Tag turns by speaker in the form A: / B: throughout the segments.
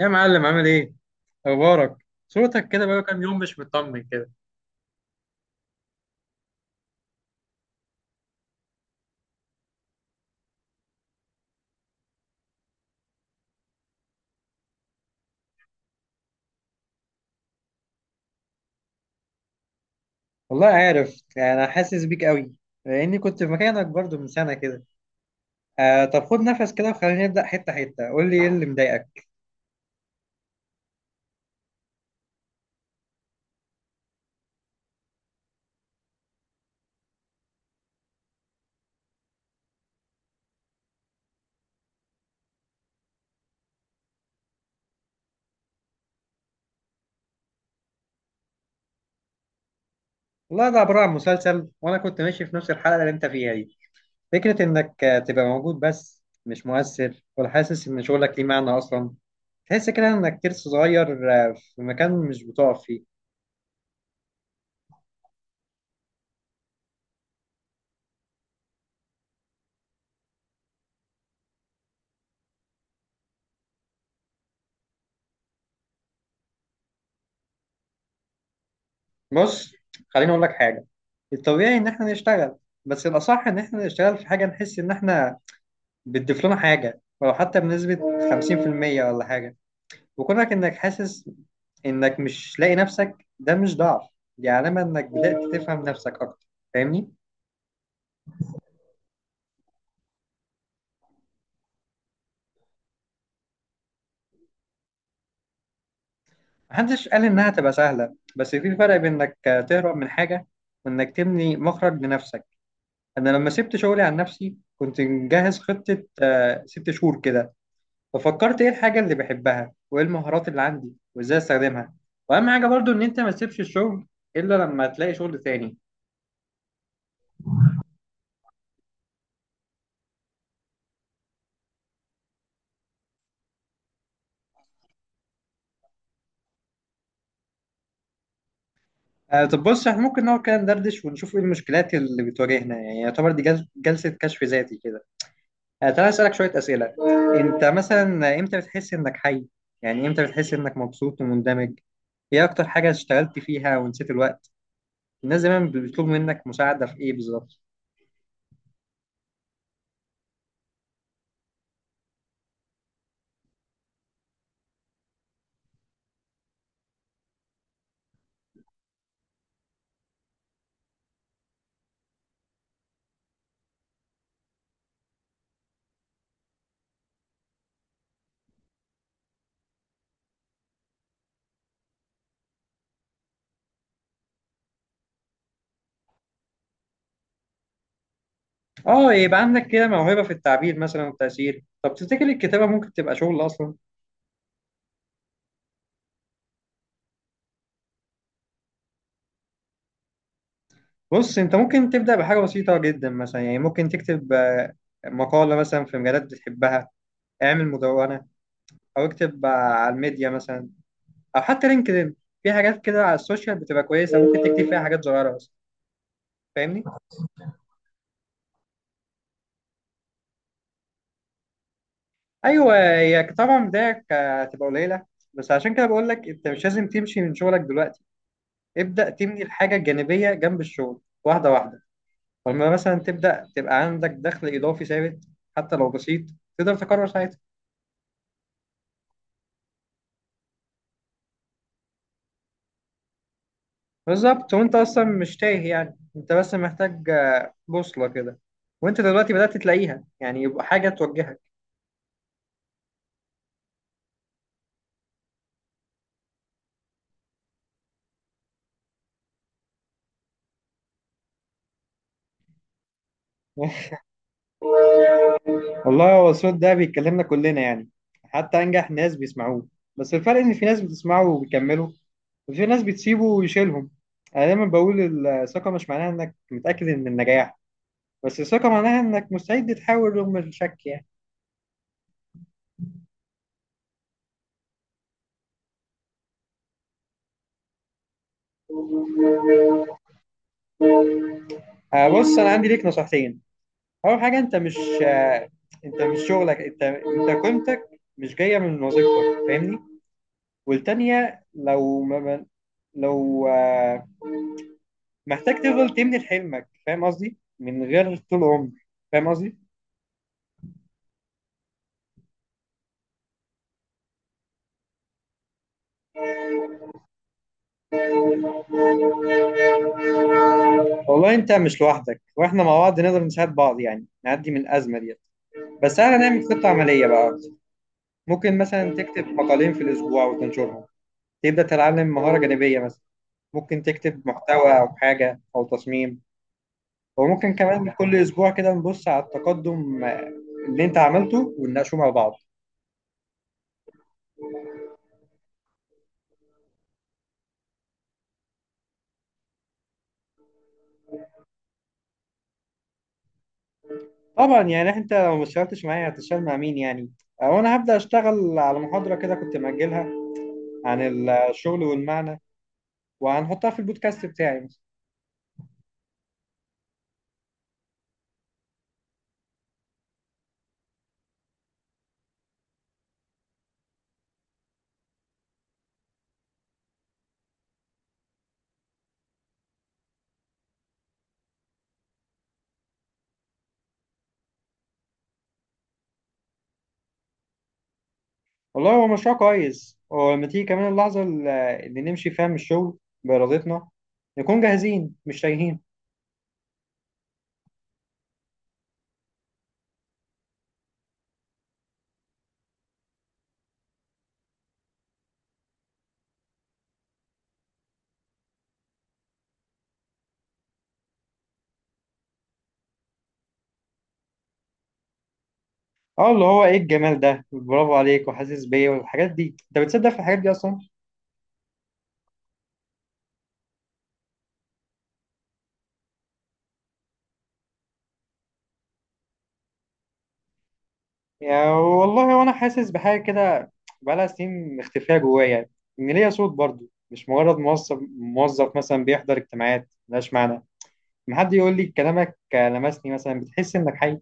A: يا معلم عامل ايه؟ اخبارك؟ صوتك كده بقى كام يوم مش مطمن كده. والله عارف انا حاسس بيك قوي لاني كنت في مكانك برضو من سنه كده. آه طب خد نفس كده وخلينا نبدا حته حته قول لي ايه اللي مضايقك. والله ده عباره عن مسلسل وانا كنت ماشي في نفس الحلقه اللي انت فيها دي. فكره انك تبقى موجود بس مش مؤثر ولا حاسس ان شغلك ليه معنى اصلا. تحس كده انك ترس صغير في مكان مش بتقف فيه. بص خليني اقول لك حاجه. الطبيعي ان احنا نشتغل، بس الاصح ان احنا نشتغل في حاجه نحس ان احنا بتضيف لنا حاجه ولو حتى بنسبه 50% ولا حاجه. وكونك انك حاسس انك مش لاقي نفسك ده مش ضعف. دي علامه انك بدات تفهم نفسك اكتر، فاهمني؟ محدش قال انها تبقى سهله، بس في فرق بين انك تهرب من حاجه وانك تبني مخرج لنفسك. انا لما سبت شغلي عن نفسي كنت مجهز خطه 6 شهور كده. ففكرت ايه الحاجة اللي بحبها وايه المهارات اللي عندي وازاي استخدمها. واهم حاجة برضو ان انت ما تسيبش الشغل الا لما تلاقي شغل تاني. آه طب بص احنا ممكن نقعد كده ندردش ونشوف ايه المشكلات اللي بتواجهنا، يعني يعتبر دي جلسة كشف ذاتي كده. آه تعالى اسألك شوية أسئلة. انت مثلا امتى بتحس انك حي؟ يعني امتى بتحس انك مبسوط ومندمج؟ ايه اكتر حاجة اشتغلت فيها ونسيت الوقت؟ الناس دايما بيطلبوا منك مساعدة في ايه بالظبط؟ اه يبقى عندك كده موهبة في التعبير مثلا والتأثير. طب تفتكر الكتابة ممكن تبقى شغل أصلا؟ بص أنت ممكن تبدأ بحاجة بسيطة جدا مثلا، يعني ممكن تكتب مقالة مثلا في مجالات بتحبها. اعمل مدونة أو اكتب على الميديا مثلا، أو حتى لينكدإن. في حاجات كده على السوشيال بتبقى كويسة ممكن تكتب فيها حاجات صغيرة بس، فاهمني؟ أيوه هي طبعا بداية هتبقى قليلة، بس عشان كده بقول لك أنت مش لازم تمشي من شغلك دلوقتي. ابدأ تبني الحاجة الجانبية جنب الشغل واحدة واحدة. فلما مثلا تبدأ تبقى عندك دخل إضافي ثابت، حتى لو بسيط، تقدر تقرر ساعتها. بالظبط، وانت اصلا مش تايه، يعني انت بس محتاج بوصلة كده. وانت دلوقتي بدأت تلاقيها، يعني يبقى حاجة توجهك. والله هو الصوت ده بيتكلمنا كلنا يعني، حتى أنجح ناس بيسمعوه. بس الفرق إن في ناس بتسمعه وبيكملوا، وفي ناس بتسيبه ويشيلهم. أنا دايما بقول الثقة مش معناها إنك متأكد من النجاح، بس الثقة معناها إنك مستعد تحاول رغم الشك يعني. بص أنا عندي ليك نصيحتين. اول حاجه آه، انت مش شغلك، انت قيمتك مش جايه من وظيفتك، فاهمني؟ والتانيه لو ما ما- لو آه، محتاج تفضل تبني حلمك، فاهم قصدي؟ من غير طول عمر، فاهم قصدي؟ والله انت مش لوحدك، واحنا مع بعض نقدر نساعد بعض يعني نعدي من الازمه ديت. بس احنا نعمل خطه عمليه بقى أكتر. ممكن مثلا تكتب مقالين في الاسبوع وتنشرهم. تبدا تتعلم مهاره جانبيه مثلا. ممكن تكتب محتوى او حاجه او تصميم. وممكن كمان كل اسبوع كده نبص على التقدم اللي انت عملته ونناقشه مع بعض. طبعا يعني انت لو ما اشتغلتش معايا هتشتغل مع مين يعني؟ وانا هبدأ اشتغل على محاضرة كده كنت مأجلها عن الشغل والمعنى. وهنحطها في البودكاست بتاعي. والله هو مشروع كويس، ولما تيجي كمان اللحظة اللي نمشي فيها من الشغل بإرادتنا نكون جاهزين مش تايهين. اه اللي هو ايه الجمال ده، برافو عليك وحاسس بيا والحاجات دي. انت بتصدق في الحاجات دي اصلا؟ يعني والله وانا حاسس بحاجه كده بقالها سنين مختفيه جوايا يعني. ان ليا صوت برضو مش مجرد موظف مثلا بيحضر اجتماعات ملهاش معنى. لما حد يقول لي كلامك لمسني مثلا بتحس انك حي.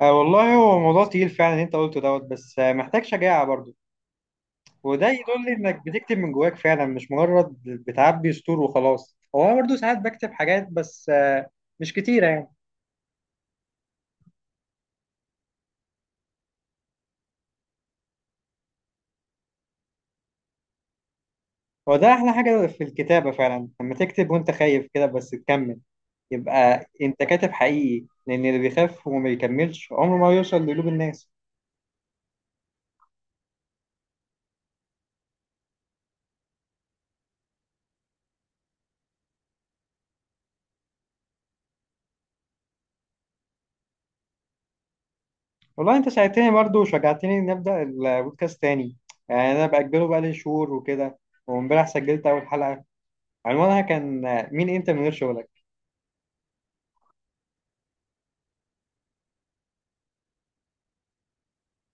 A: آه والله هو موضوع تقيل فعلا اللي انت قلته دوت، بس محتاج شجاعه برضو. وده يدل انك بتكتب من جواك فعلا مش مجرد بتعبي سطور وخلاص. هو انا برضو ساعات بكتب حاجات بس مش كتيره يعني. هو ده احلى حاجه في الكتابه فعلا لما تكتب وانت خايف كده بس تكمل، يبقى انت كاتب حقيقي، لان اللي بيخاف وما بيكملش عمره ما يوصل لقلوب الناس. والله انت ساعدتني برضه وشجعتني نبدا البودكاست تاني. يعني انا باجله بقالي شهور وكده، وامبارح سجلت اول حلقه عنوانها كان: مين انت من غير شغلك؟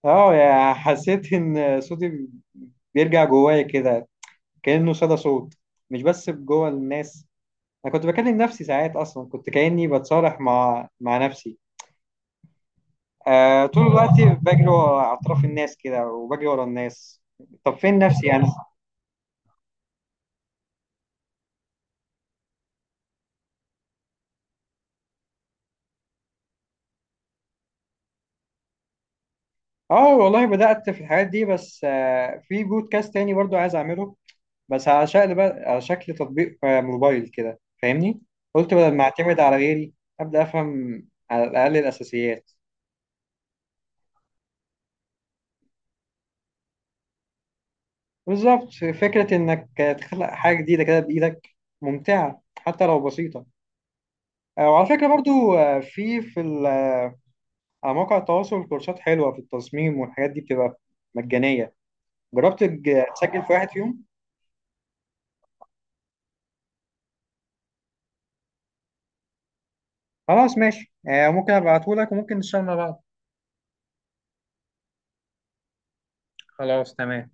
A: اه يا حسيت ان صوتي بيرجع جوايا كده كانه صدى صوت، مش بس جوه الناس. انا كنت بكلم نفسي ساعات اصلا، كنت كاني بتصالح مع نفسي طول الوقت. بجري ورا اطراف الناس كده وبجري ورا الناس، طب فين نفسي انا؟ اه والله بدأت في الحاجات دي، بس في بودكاست تاني برضو عايز اعمله. بس على شكل تطبيق موبايل كده فاهمني. قلت بدل ما اعتمد على غيري، ابدأ افهم على الاقل الاساسيات. بالظبط. فكرة انك تخلق حاجة جديدة كده بايدك ممتعة حتى لو بسيطة. آه وعلى فكرة برضو على مواقع التواصل كورسات حلوة في التصميم والحاجات دي بتبقى مجانية. جربت تسجل في واحد فيهم؟ خلاص ماشي، ممكن ابعتهولك وممكن نشتغل مع بعض. خلاص تمام.